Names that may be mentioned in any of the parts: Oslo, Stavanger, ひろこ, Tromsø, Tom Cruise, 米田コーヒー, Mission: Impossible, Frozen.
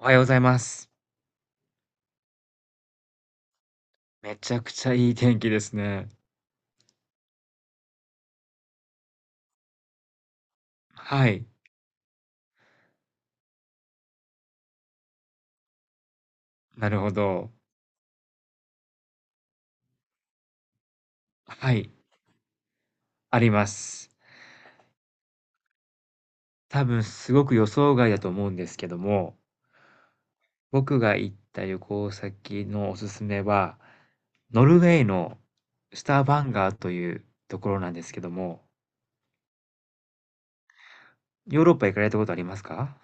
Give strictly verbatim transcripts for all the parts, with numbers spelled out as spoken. おはようございます。めちゃくちゃいい天気ですね。はい、なるほど。はい、あります。多分すごく予想外だと思うんですけども、僕が行った旅行先のおすすめは、ノルウェーのスターバンガーというところなんですけども、ヨーロッパ行かれたことありますか？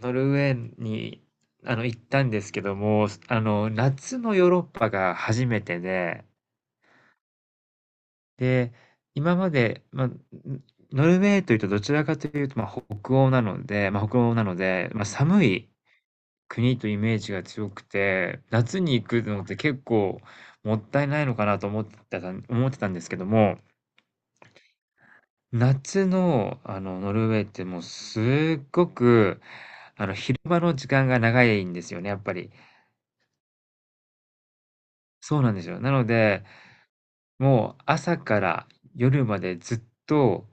ノルウェーに、あの、行ったんですけども、あの、夏のヨーロッパが初めてでで、今まで、ま、あんノルウェーというとどちらかというと、まあ、北欧なのでまあ、北欧なので、まあ、寒い国というイメージが強くて、夏に行くのって結構もったいないのかなと思ってた思ってたんですけども、夏の、あの、ノルウェーってもうすっごく、あの、昼間の時間が長いんですよね、やっぱり。そうなんですよ。なので、もう朝から夜までずっと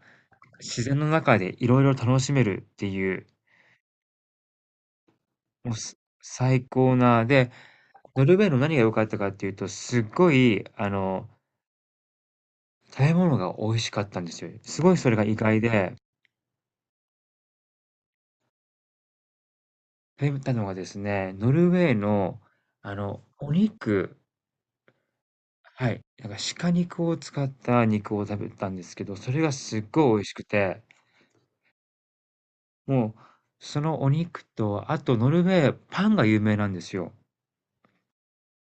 自然の中でいろいろ楽しめるっていう、もう、す最高な、で、ノルウェーの何が良かったかっていうと、すっごい、あの、食べ物が美味しかったんですよ。すごいそれが意外で、食べたのがですね、ノルウェーの、あの、お肉はい、なんか鹿肉を使った肉を食べたんですけど、それがすっごい美味しくて、もう、そのお肉と、あとノルウェー、パンが有名なんですよ。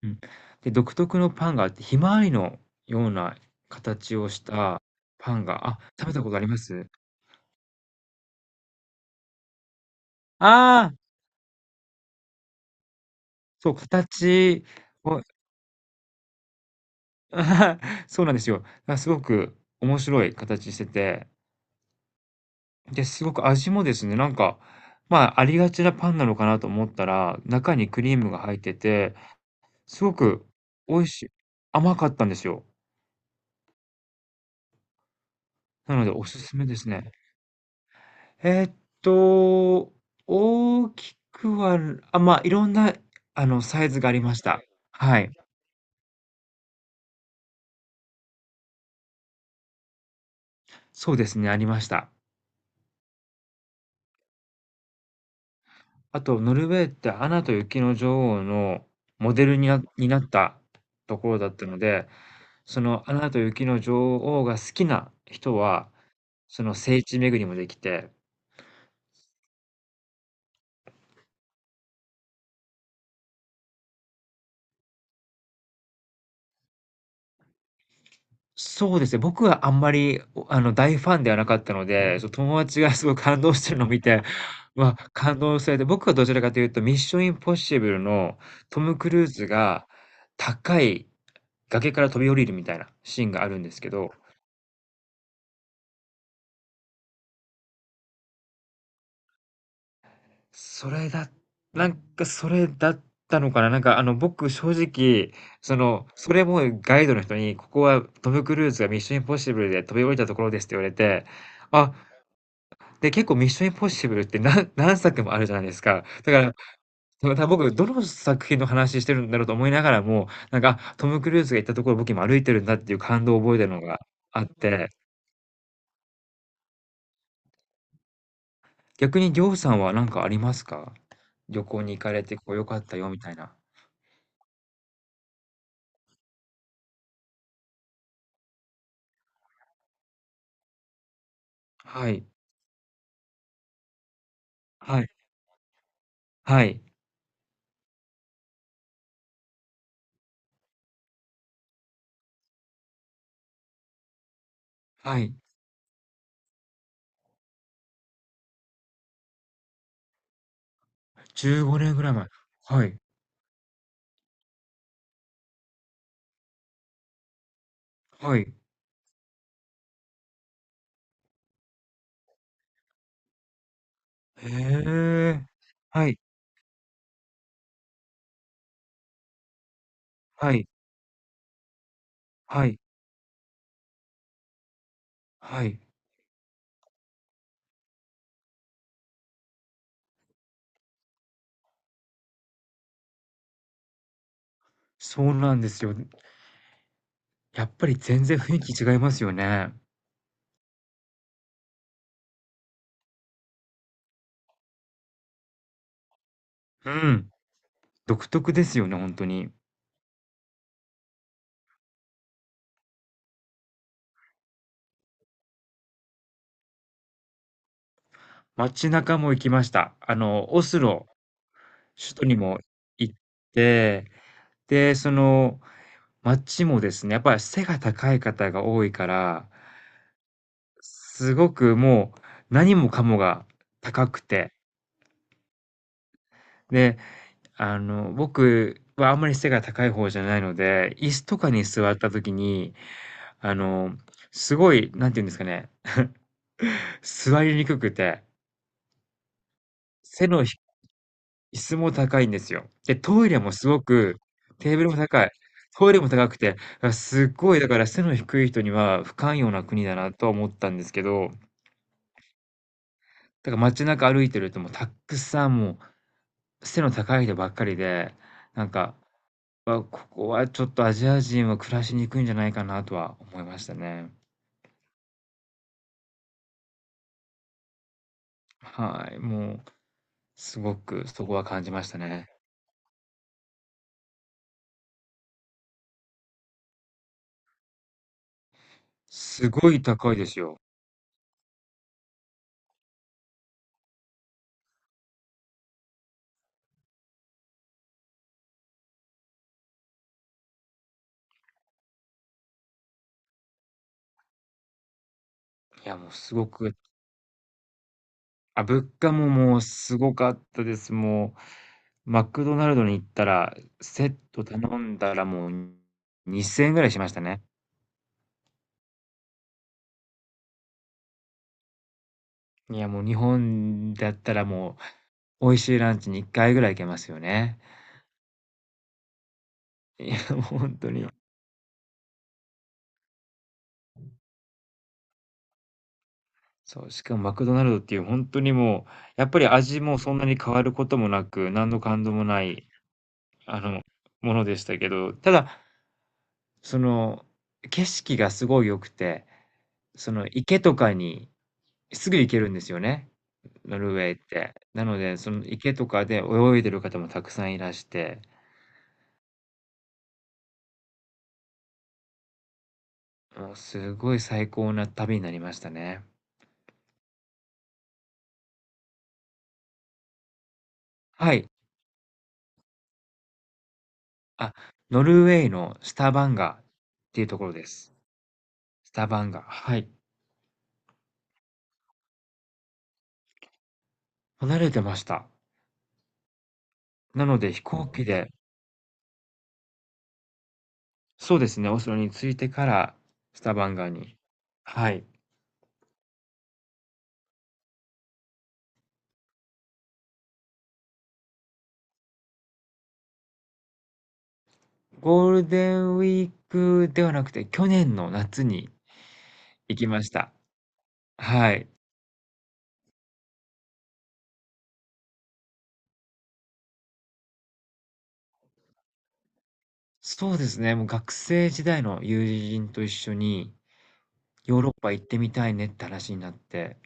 うん。で、独特のパンがあって、ひまわりのような形をしたパンが、あ、食べたことあります？ああ、そう、形を そうなんですよ。あ、すごく面白い形してて、で、すごく味もですね、なんか、まあ、ありがちなパンなのかなと思ったら、中にクリームが入ってて、すごく美味しい甘かったんですよ。なのでおすすめですね。えーっと、大きくは、あ、まあ、いろんな、あの、サイズがありました。はい。そうですね、ありました。あと、ノルウェーってアナと雪の女王のモデルになになったところだったので、そのアナと雪の女王が好きな人は、その聖地巡りもできて、そうですね、僕はあんまり、おあの、大ファンではなかったので、そう、友達がすごい感動してるのを見て、わ、感動されて、僕はどちらかというと、ミッションインポッシブルのトム・クルーズが高い崖から飛び降りるみたいなシーンがあるんですけど、それだなんかそれだったのかな、なんか、あの、僕正直、その、それもガイドの人に、ここはトム・クルーズがミッションインポッシブルで飛び降りたところですって言われて、あ、で、結構ミッションインポッシブルってなん 何作もあるじゃないですか。だから、たまた僕どの作品の話してるんだろうと思いながらも、なんか、あ、トム・クルーズが行ったところ僕今歩いてるんだっていう感動を覚えてるのがあって、逆にりょうさんは何かありますか？旅行に行かれてここ良かったよみたいな。はい。はい。はい。はい。じゅうごねんぐらい前。はい。はい。へえ。はい。はい。はい。はい。そうなんですよ。やっぱり全然雰囲気違いますよね。うん。独特ですよね、ほんとに。街中も行きました。あの、オスロ、首都にも行って、で、その街もですね、やっぱり背が高い方が多いから、すごくもう何もかもが高くて、で、あの、僕はあんまり背が高い方じゃないので、椅子とかに座った時に、あの、すごい、何て言うんですかね、座りにくくて、背の低椅子も高いんですよ。で、トイレもすごくテーブルも高い。トイレも高くて、あ、すっごいだから背の低い人には不寛容な国だなとは思ったんですけど、だから街中歩いてるともうたっくさんもう背の高い人ばっかりで、なんか、わ、ここはちょっとアジア人は暮らしにくいんじゃないかなとは思いましたね。はい、もうすごくそこは感じましたね。すごい高いですよ。いや、もうすごく、あ、物価ももうすごかったです。もうマクドナルドに行ったら、セット頼んだらもうにせんえんぐらいしましたね。いや、もう日本だったらもう、美味しいランチににかいぐらい行けますよね。いや、もうほんとに。そう、しかもマクドナルドっていうほんとにもう、やっぱり味もそんなに変わることもなく、何の感動もない、あの、ものでしたけど、ただ、その、景色がすごい良くて、その池とかにすぐ行けるんですよね。ノルウェーって。なので、その池とかで泳いでる方もたくさんいらして、もうすごい最高な旅になりましたね。はい。あ、ノルウェーのスタバンガっていうところです。スタバンガ。はい。離れてました。なので飛行機で、そうですね、オスロに着いてからスタバンガに。はい。ゴールデンウィークではなくて、去年の夏に行きました。はい。そうですね、もう学生時代の友人と一緒にヨーロッパ行ってみたいねって話になって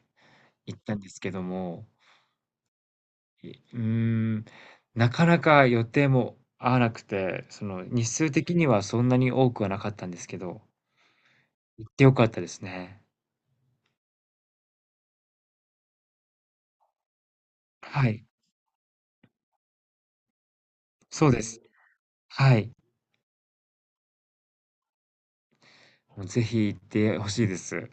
行ったんですけども、いうーん、なかなか予定も合わなくて、その日数的にはそんなに多くはなかったんですけど、行って良かったですね。はい、そうです。はい。もうぜひ行ってほしいです。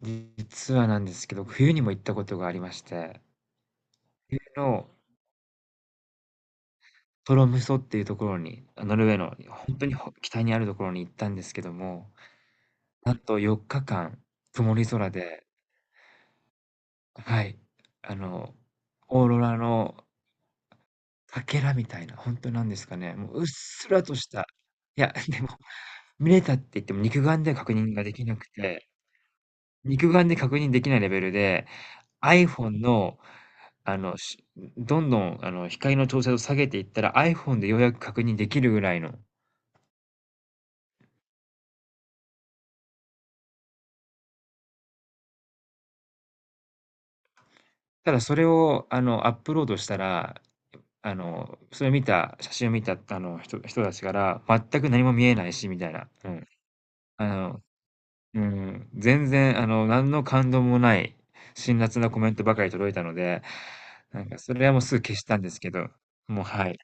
実はなんですけど、冬にも行ったことがありまして、冬のトロムソっていうところに、あ、ノルウェーの本当にほ北にあるところに行ったんですけども、なんとよっかかん曇り空ではい。あの、オーロラのかけらみたいな、ほんとなんですかね、もううっすらとした、いや、でも、見れたって言っても肉眼では確認ができなくて、肉眼で確認できないレベルで、iPhone の、あの、しどんどん、あの、光の調整を下げていったら、iPhone でようやく確認できるぐらいの。ただそれを、あの、アップロードしたら、あの、それを見た写真を見た、あの、人人たちから「全く何も見えないし」みたいな、うん。あのうん、全然、あの、何の感動もない、辛辣なコメントばかり届いたので、なんかそれはもうすぐ消したんですけど、もう、はい。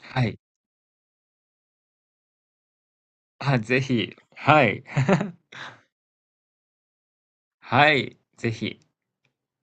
はい。あ、ぜひ、はい。はい、ぜひ。